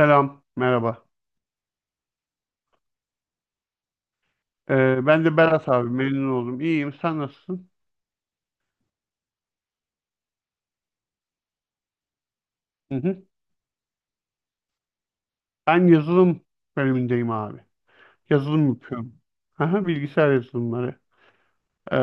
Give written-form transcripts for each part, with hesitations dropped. Selam, merhaba. Ben de Berat abi, memnun oldum. İyiyim, sen nasılsın? Hı hı. Ben yazılım bölümündeyim abi. Yazılım yapıyorum. Aha, bilgisayar yazılımları. Ee,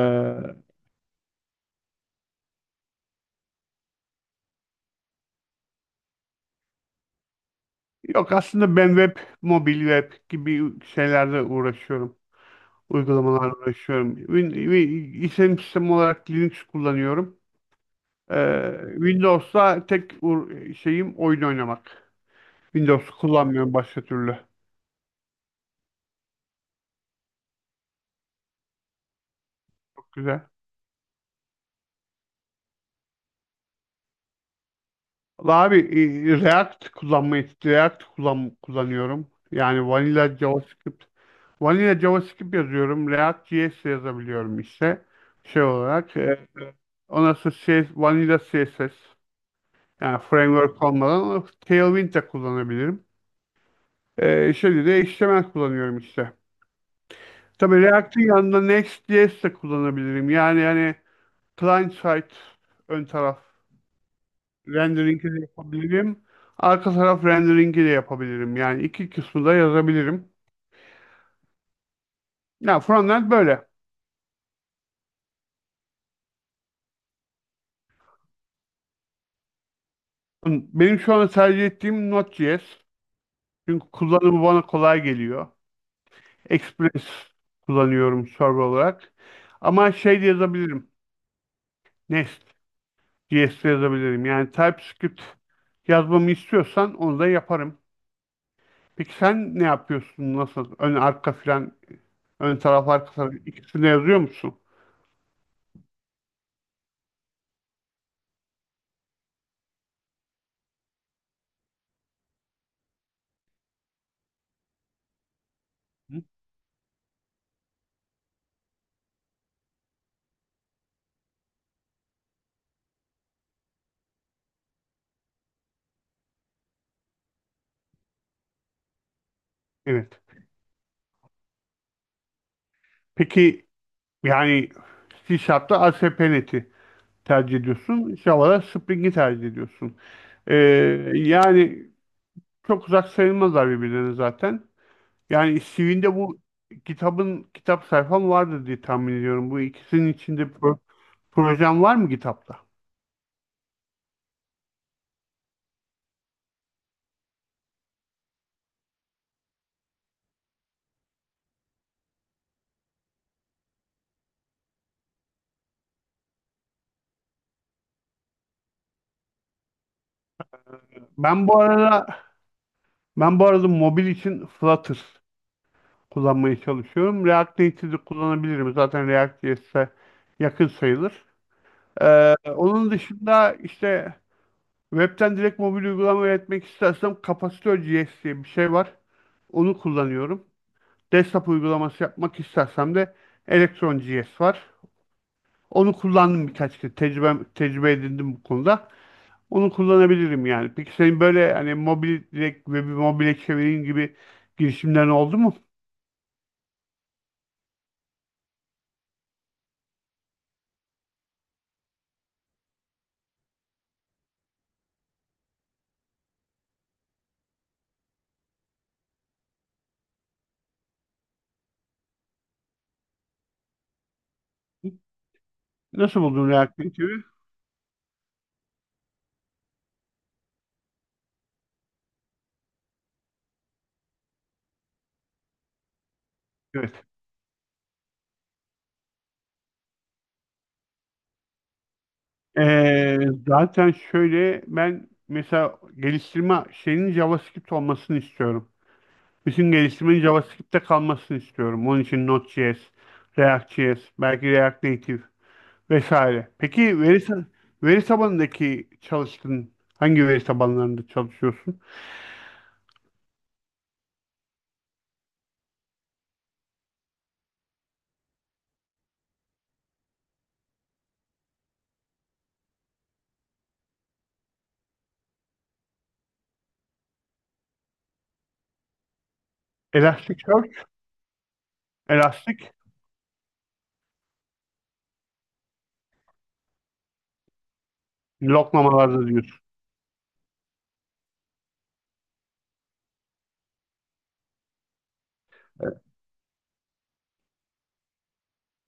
yok aslında ben web, mobil web gibi şeylerle uğraşıyorum. Uygulamalarla uğraşıyorum. Win, wi- işletim sistemi olarak Linux kullanıyorum. Windows'ta tek şeyim oyun oynamak. Windows'u kullanmıyorum başka türlü. Güzel. Vallahi Abi, e, React kullanmayı React kullan, kullanıyorum. Yani Vanilla JavaScript yazıyorum. React.js yazabiliyorum işte. Şey olarak ondan sonra Vanilla CSS yani framework olmadan Tailwind de kullanabilirim. Şimdi de HTML kullanıyorum işte. Tabii React'in yanında Next.js de kullanabilirim. Yani hani client side ön taraf rendering'i de yapabilirim. Arka taraf rendering'i de yapabilirim. Yani iki kısmı da yazabilirim. Ya frontend böyle. Benim şu an tercih ettiğim Node.js. Çünkü kullanımı bana kolay geliyor. Express kullanıyorum server olarak. Ama şey de yazabilirim. Nest.js de yazabilirim. Yani TypeScript yazmamı istiyorsan onu da yaparım. Peki sen ne yapıyorsun? Nasıl? Ön taraf arka taraf ikisini de yazıyor musun? Evet. Peki yani C Sharp'ta ASP.NET'i tercih ediyorsun. Java'da Spring'i tercih ediyorsun. Ee, yani çok uzak sayılmazlar birbirlerine zaten. Yani CV'nde bu kitap sayfam vardır diye tahmin ediyorum. Bu ikisinin içinde projem var mı kitapta? Ben bu arada ben bu arada mobil için Flutter kullanmaya çalışıyorum. React Native'i kullanabilirim. Zaten React.js'e yakın sayılır. Onun dışında işte Web'ten direkt mobil uygulama üretmek istersem Capacitör.js diye bir şey var. Onu kullanıyorum. Desktop uygulaması yapmak istersem de Electron.js var. Onu kullandım birkaç kez. Tecrübe edindim bu konuda. Onu kullanabilirim yani. Peki senin böyle hani mobil direkt web'i mobile çevireyim gibi girişimlerin oldu mu? Nasıl buldun React Native'i? Evet. Ee, zaten şöyle ben mesela geliştirme şeyinin JavaScript olmasını istiyorum. Bütün geliştirmenin JavaScript'te kalmasını istiyorum. Onun için Node.js, React.js, belki React Native vesaire. Peki veri tabanındaki çalıştığın hangi veri tabanlarında çalışıyorsun? Elasticsearch, Elastic, loglamalarda diyorsun.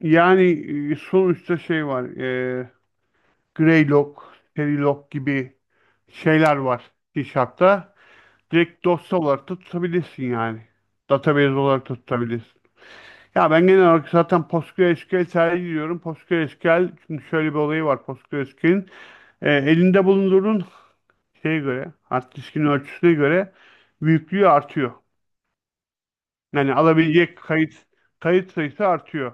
Yani sonuçta şey var. Greylog, Verilog gibi şeyler var C Sharp'ta. Direkt dosya olarak da tutabilirsin yani. Database olarak da tutabilirsin. Ya ben genel olarak zaten PostgreSQL tercih ediyorum. PostgreSQL, çünkü şöyle bir olayı var PostgreSQL'in. Elinde bulunduğun şeye göre, hard diskin ölçüsüne göre büyüklüğü artıyor. Yani alabilecek kayıt sayısı artıyor.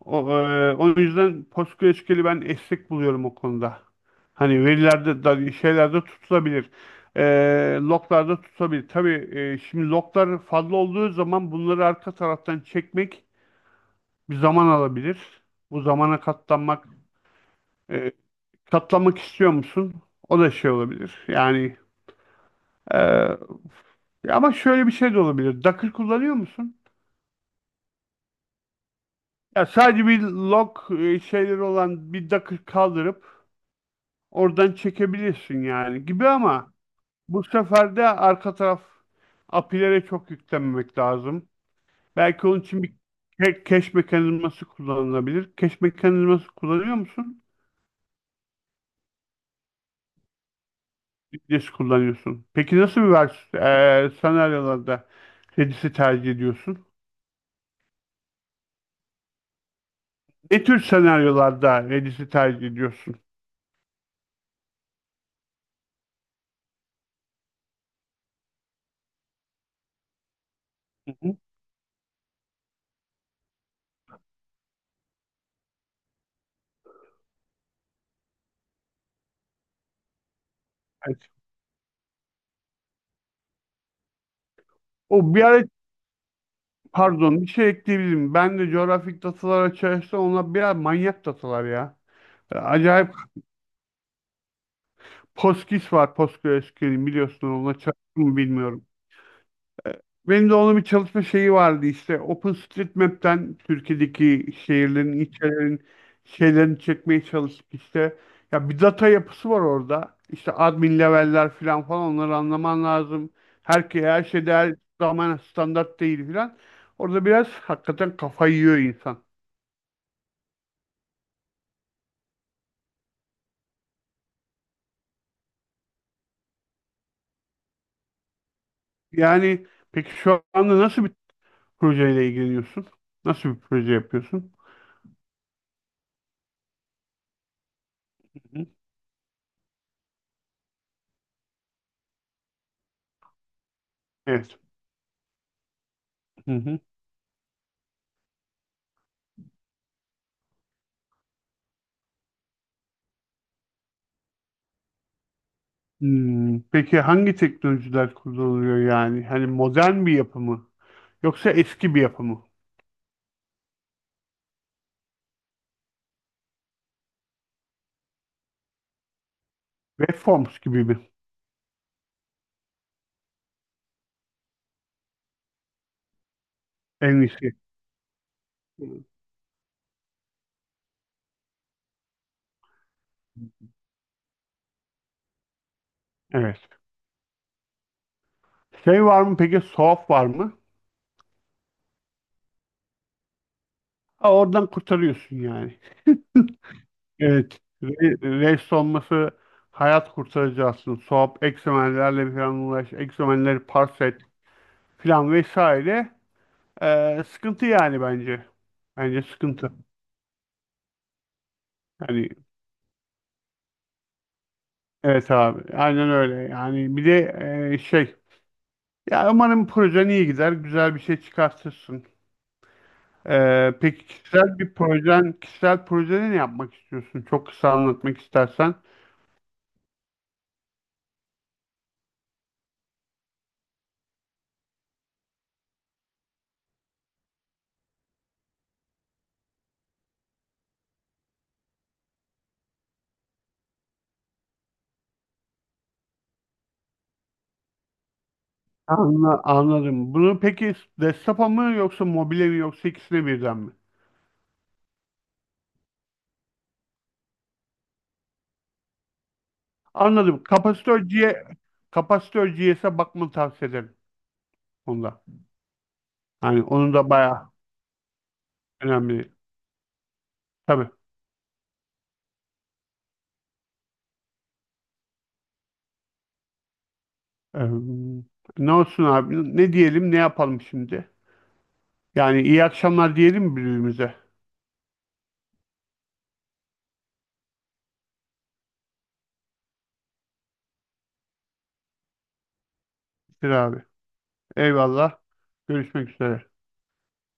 O yüzden PostgreSQL'i ben esnek buluyorum o konuda. Hani verilerde da şeylerde tutulabilir. E, loglarda tutulabilir. Tabii şimdi loglar fazla olduğu zaman bunları arka taraftan çekmek bir zaman alabilir. Bu zamana e, katlanmak istiyor musun? O da şey olabilir. Yani e, ama şöyle bir şey de olabilir. Docker kullanıyor musun? Ya sadece bir şeyleri olan bir Docker kaldırıp oradan çekebilirsin yani gibi, ama bu sefer de arka taraf API'lere çok yüklenmemek lazım. Belki onun için bir cache mekanizması kullanılabilir. Cache mekanizması kullanıyor musun? Redis kullanıyorsun. Peki nasıl bir senaryolarda Redis'i tercih ediyorsun? Ne tür senaryolarda Redis'i tercih ediyorsun? Hı hı. Evet. O bir ara, pardon, bir şey ekleyebilirim. Ben de coğrafik datalar açarsa, onlar biraz manyak datalar ya. Acayip PostGIS var PostgreSQL'in, biliyorsun. Ona çalıştım mı bilmiyorum. Ee, Benim de onun bir çalışma şeyi vardı işte, OpenStreetMap'ten Türkiye'deki şehirlerin, ilçelerin şeylerini çekmeye çalıştık işte. Ya bir data yapısı var orada. İşte admin level'ler falan, onları anlaman lazım. Herkese her şey değer zaman standart değil falan. Orada biraz hakikaten kafayı yiyor insan. Yani peki şu anda nasıl bir projeyle ilgileniyorsun? Nasıl bir proje yapıyorsun? Hı. Evet. Hmm, peki hangi teknolojiler kullanılıyor yani? Hani modern bir yapı mı? Yoksa eski bir yapı mı? Waveforms gibi mi? En iyisi. Evet. Şey var mı peki? Soğuk var mı? Ha, oradan kurtarıyorsun yani. Evet. Rest olması hayat kurtarıcı aslında. Soğuk, eksemenlerle falan uğraş, eksemenleri parse et falan vesaire. Sıkıntı yani bence. Bence sıkıntı. Yani evet abi. Aynen öyle. Yani bir de e, şey ya, umarım projen iyi gider, güzel bir şey çıkartırsın. Peki kişisel bir projen, kişisel projeni ne yapmak istiyorsun? Çok kısa anlatmak istersen. Anladım. Bunu peki desktopa mı yoksa mobile mi yoksa ikisine birden mi? Anladım. Kapasitör G, kapasitör kapasitör.js'e bakmanı tavsiye ederim onda. Yani onun da bayağı önemli. Tabii. Ee, ne olsun abi? Ne diyelim, ne yapalım şimdi? Yani iyi akşamlar diyelim mi birbirimize? Bir abi. Eyvallah. Görüşmek üzere.